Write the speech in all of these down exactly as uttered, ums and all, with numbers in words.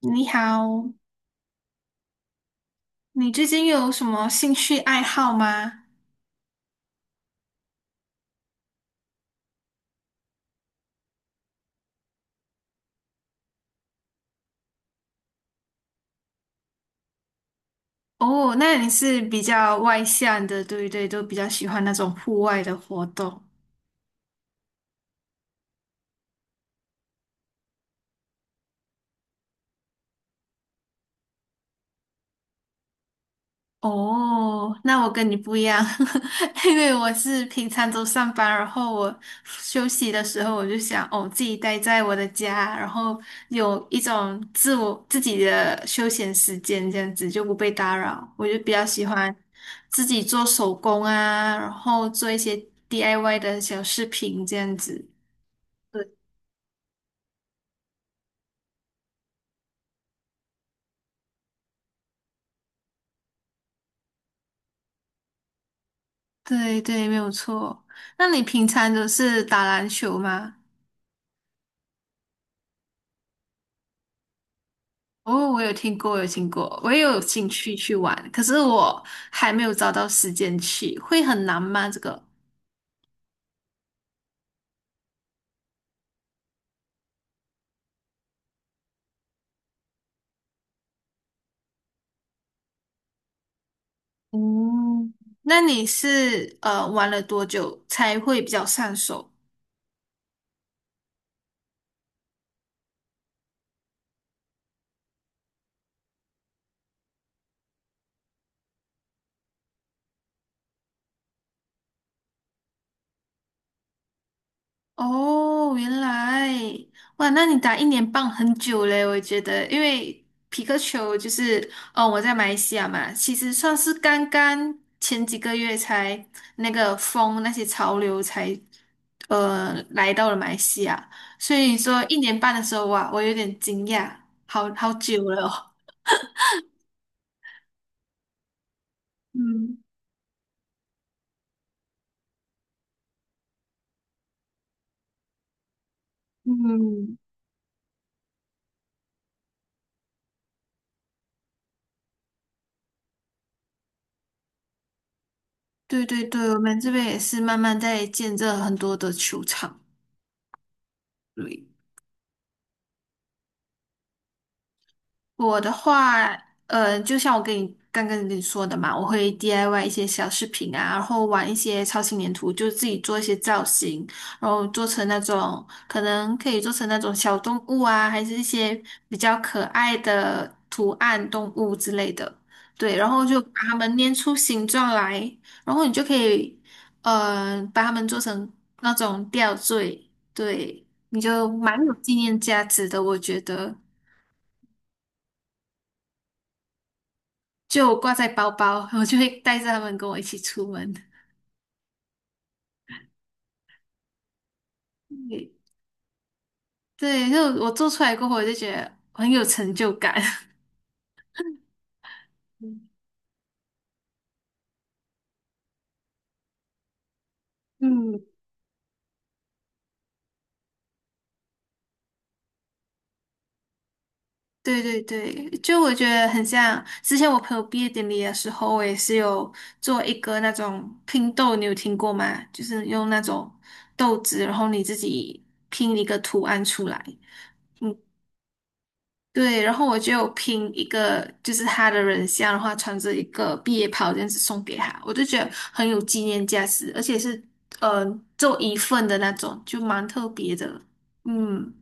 你好，你最近有什么兴趣爱好吗？哦，那你是比较外向的，对不对？都比较喜欢那种户外的活动。哦，那我跟你不一样，因为我是平常都上班，然后我休息的时候我就想，哦，自己待在我的家，然后有一种自我自己的休闲时间，这样子就不被打扰。我就比较喜欢自己做手工啊，然后做一些 D I Y 的小饰品这样子。对对对，没有错。那你平常都是打篮球吗？哦，我有听过，有听过，我也有兴趣去玩，可是我还没有找到时间去，会很难吗？这个？嗯，那你是呃玩了多久才会比较上手？哦，原来，哇，那你打一年半很久嘞，我觉得，因为皮克球就是，哦，我在马来西亚嘛，其实算是刚刚前几个月才那个风那些潮流才，呃，来到了马来西亚，所以说一年半的时候，哇，我有点惊讶，好好久了哦。嗯嗯，对对对，我们这边也是慢慢在建设很多的球场。对我的话，呃，就像我跟你刚刚跟你说的嘛，我会 D I Y 一些小饰品啊，然后玩一些超轻粘土，就自己做一些造型，然后做成那种可能可以做成那种小动物啊，还是一些比较可爱的图案动物之类的。对，然后就把它们捏出形状来，然后你就可以，呃，把它们做成那种吊坠，对，你就蛮有纪念价值的，我觉得。就挂在包包，我就会带着他们跟我一起出门。对，就我做出来过后，我就觉得很有成就感。嗯，对对对，就我觉得很像之前我朋友毕业典礼的时候，我也是有做一个那种拼豆，你有听过吗？就是用那种豆子，然后你自己拼一个图案出来。对，然后我就有拼一个，就是他的人像的话，穿着一个毕业袍这样子送给他，我就觉得很有纪念价值，而且是呃做一份的那种，就蛮特别的。嗯，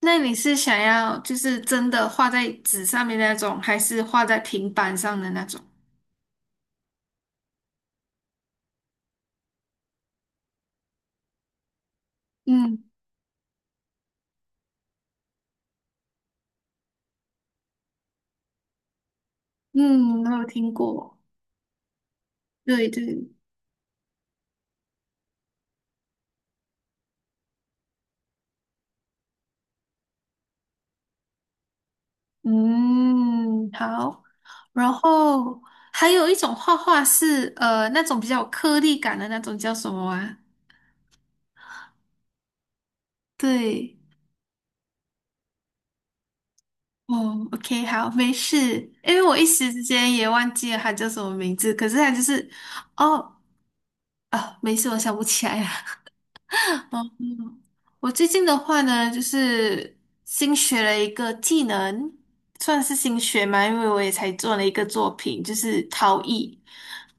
那你是想要就是真的画在纸上面那种，还是画在平板上的那种？嗯嗯，我有听过。对对，嗯，好。然后还有一种画画是呃那种比较有颗粒感的那种，叫什么啊？对，哦，OK，好，没事，因为我一时之间也忘记了他叫什么名字，可是他就是，哦，啊，没事，我想不起来了。哦，嗯我最近的话呢，就是新学了一个技能，算是新学嘛，因为我也才做了一个作品，就是陶艺，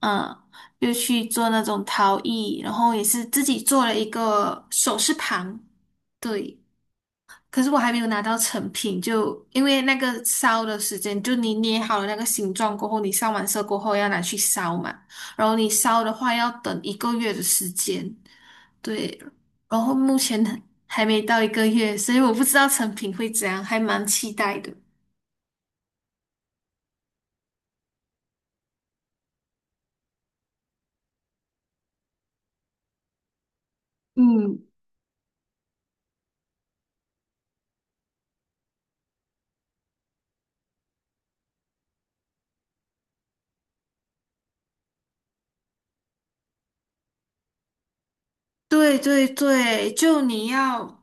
嗯，又去做那种陶艺，然后也是自己做了一个首饰盘，对。可是我还没有拿到成品，就因为那个烧的时间，就你捏好了那个形状过后，你上完色过后要拿去烧嘛，然后你烧的话要等一个月的时间，对，然后目前还没到一个月，所以我不知道成品会怎样，还蛮期待的。嗯，对对对，就你要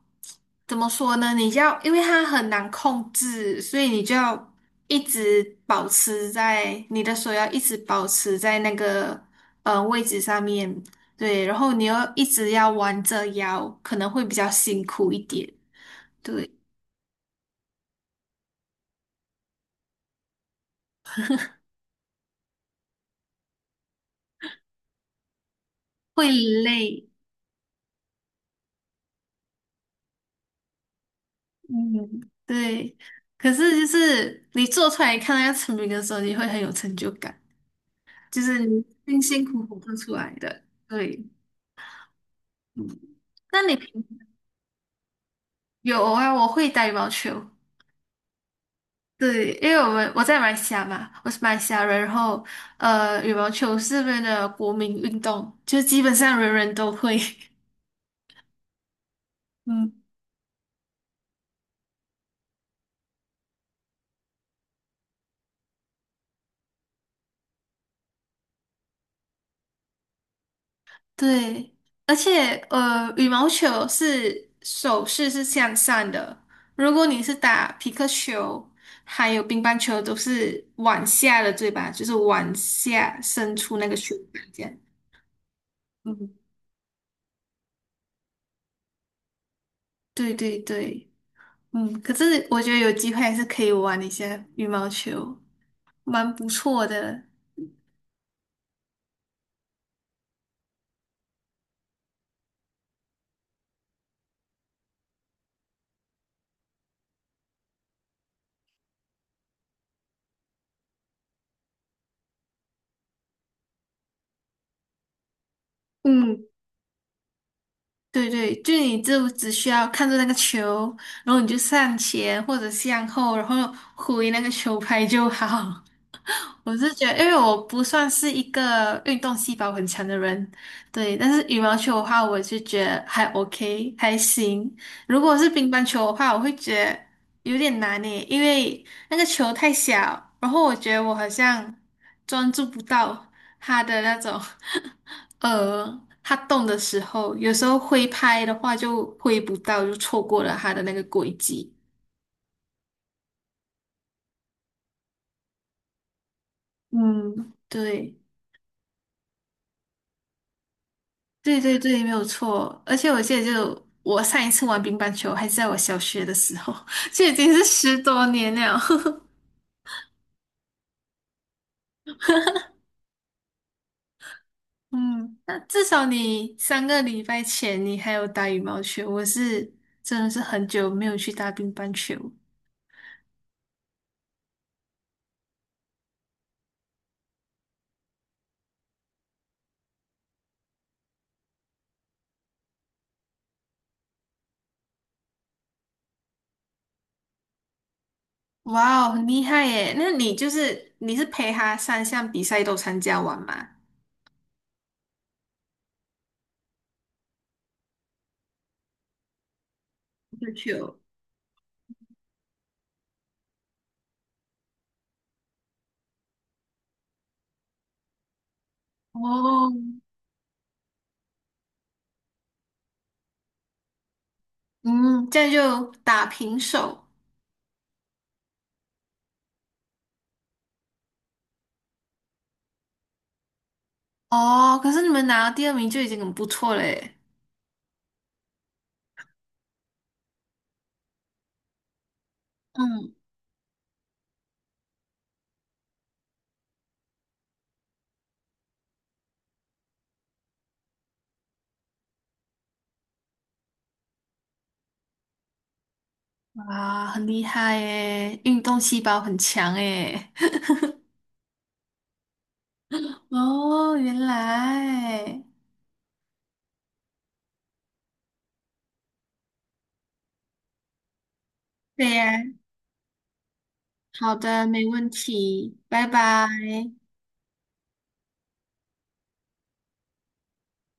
怎么说呢？你要，因为它很难控制，所以你就要一直保持在你的手要一直保持在那个呃位置上面，对，然后你又一直要弯着腰，可能会比较辛苦一点，对，会累，嗯，对。可是就是你做出来看到要成品的时候，你会很有成就感，就是你辛辛苦苦做出来的，对。嗯那你平有啊？我会打羽毛球，对，因为我们我在马来西亚嘛，我是马来西亚人，然后呃，羽毛球是这边的国民运动，就基本上人人都会。嗯，对，而且呃，羽毛球是手势是向上的，如果你是打皮克球，还有乒乓球都是往下的，对吧？就是往下伸出那个球这样。嗯，对对对。嗯，可是我觉得有机会还是可以玩一下羽毛球，蛮不错的。嗯，对对，就你就只需要看着那个球，然后你就上前或者向后，然后挥那个球拍就好。我是觉得，因为我不算是一个运动细胞很强的人，对。但是羽毛球的话，我就觉得还 OK，还行。如果是乒乓球的话，我会觉得有点难诶，因为那个球太小，然后我觉得我好像专注不到它的那种 呃，它动的时候，有时候挥拍的话就挥不到，就错过了它的那个轨迹。嗯，对。对对对，没有错。而且我记得就，我上一次玩乒乓球还是在我小学的时候，就已经是十多年了。嗯，那至少你三个礼拜前你还有打羽毛球，我是真的是很久没有去打乒乓球。哇哦，很厉害耶！那你就是你是陪他三项比赛都参加完吗？乒乓球。哦，嗯，这样就打平手。哦，可是你们拿到第二名就已经很不错了耶。嗯。哇，很厉害耶，运动细胞很强耶。哦，原来，对呀，好的，没问题，拜拜。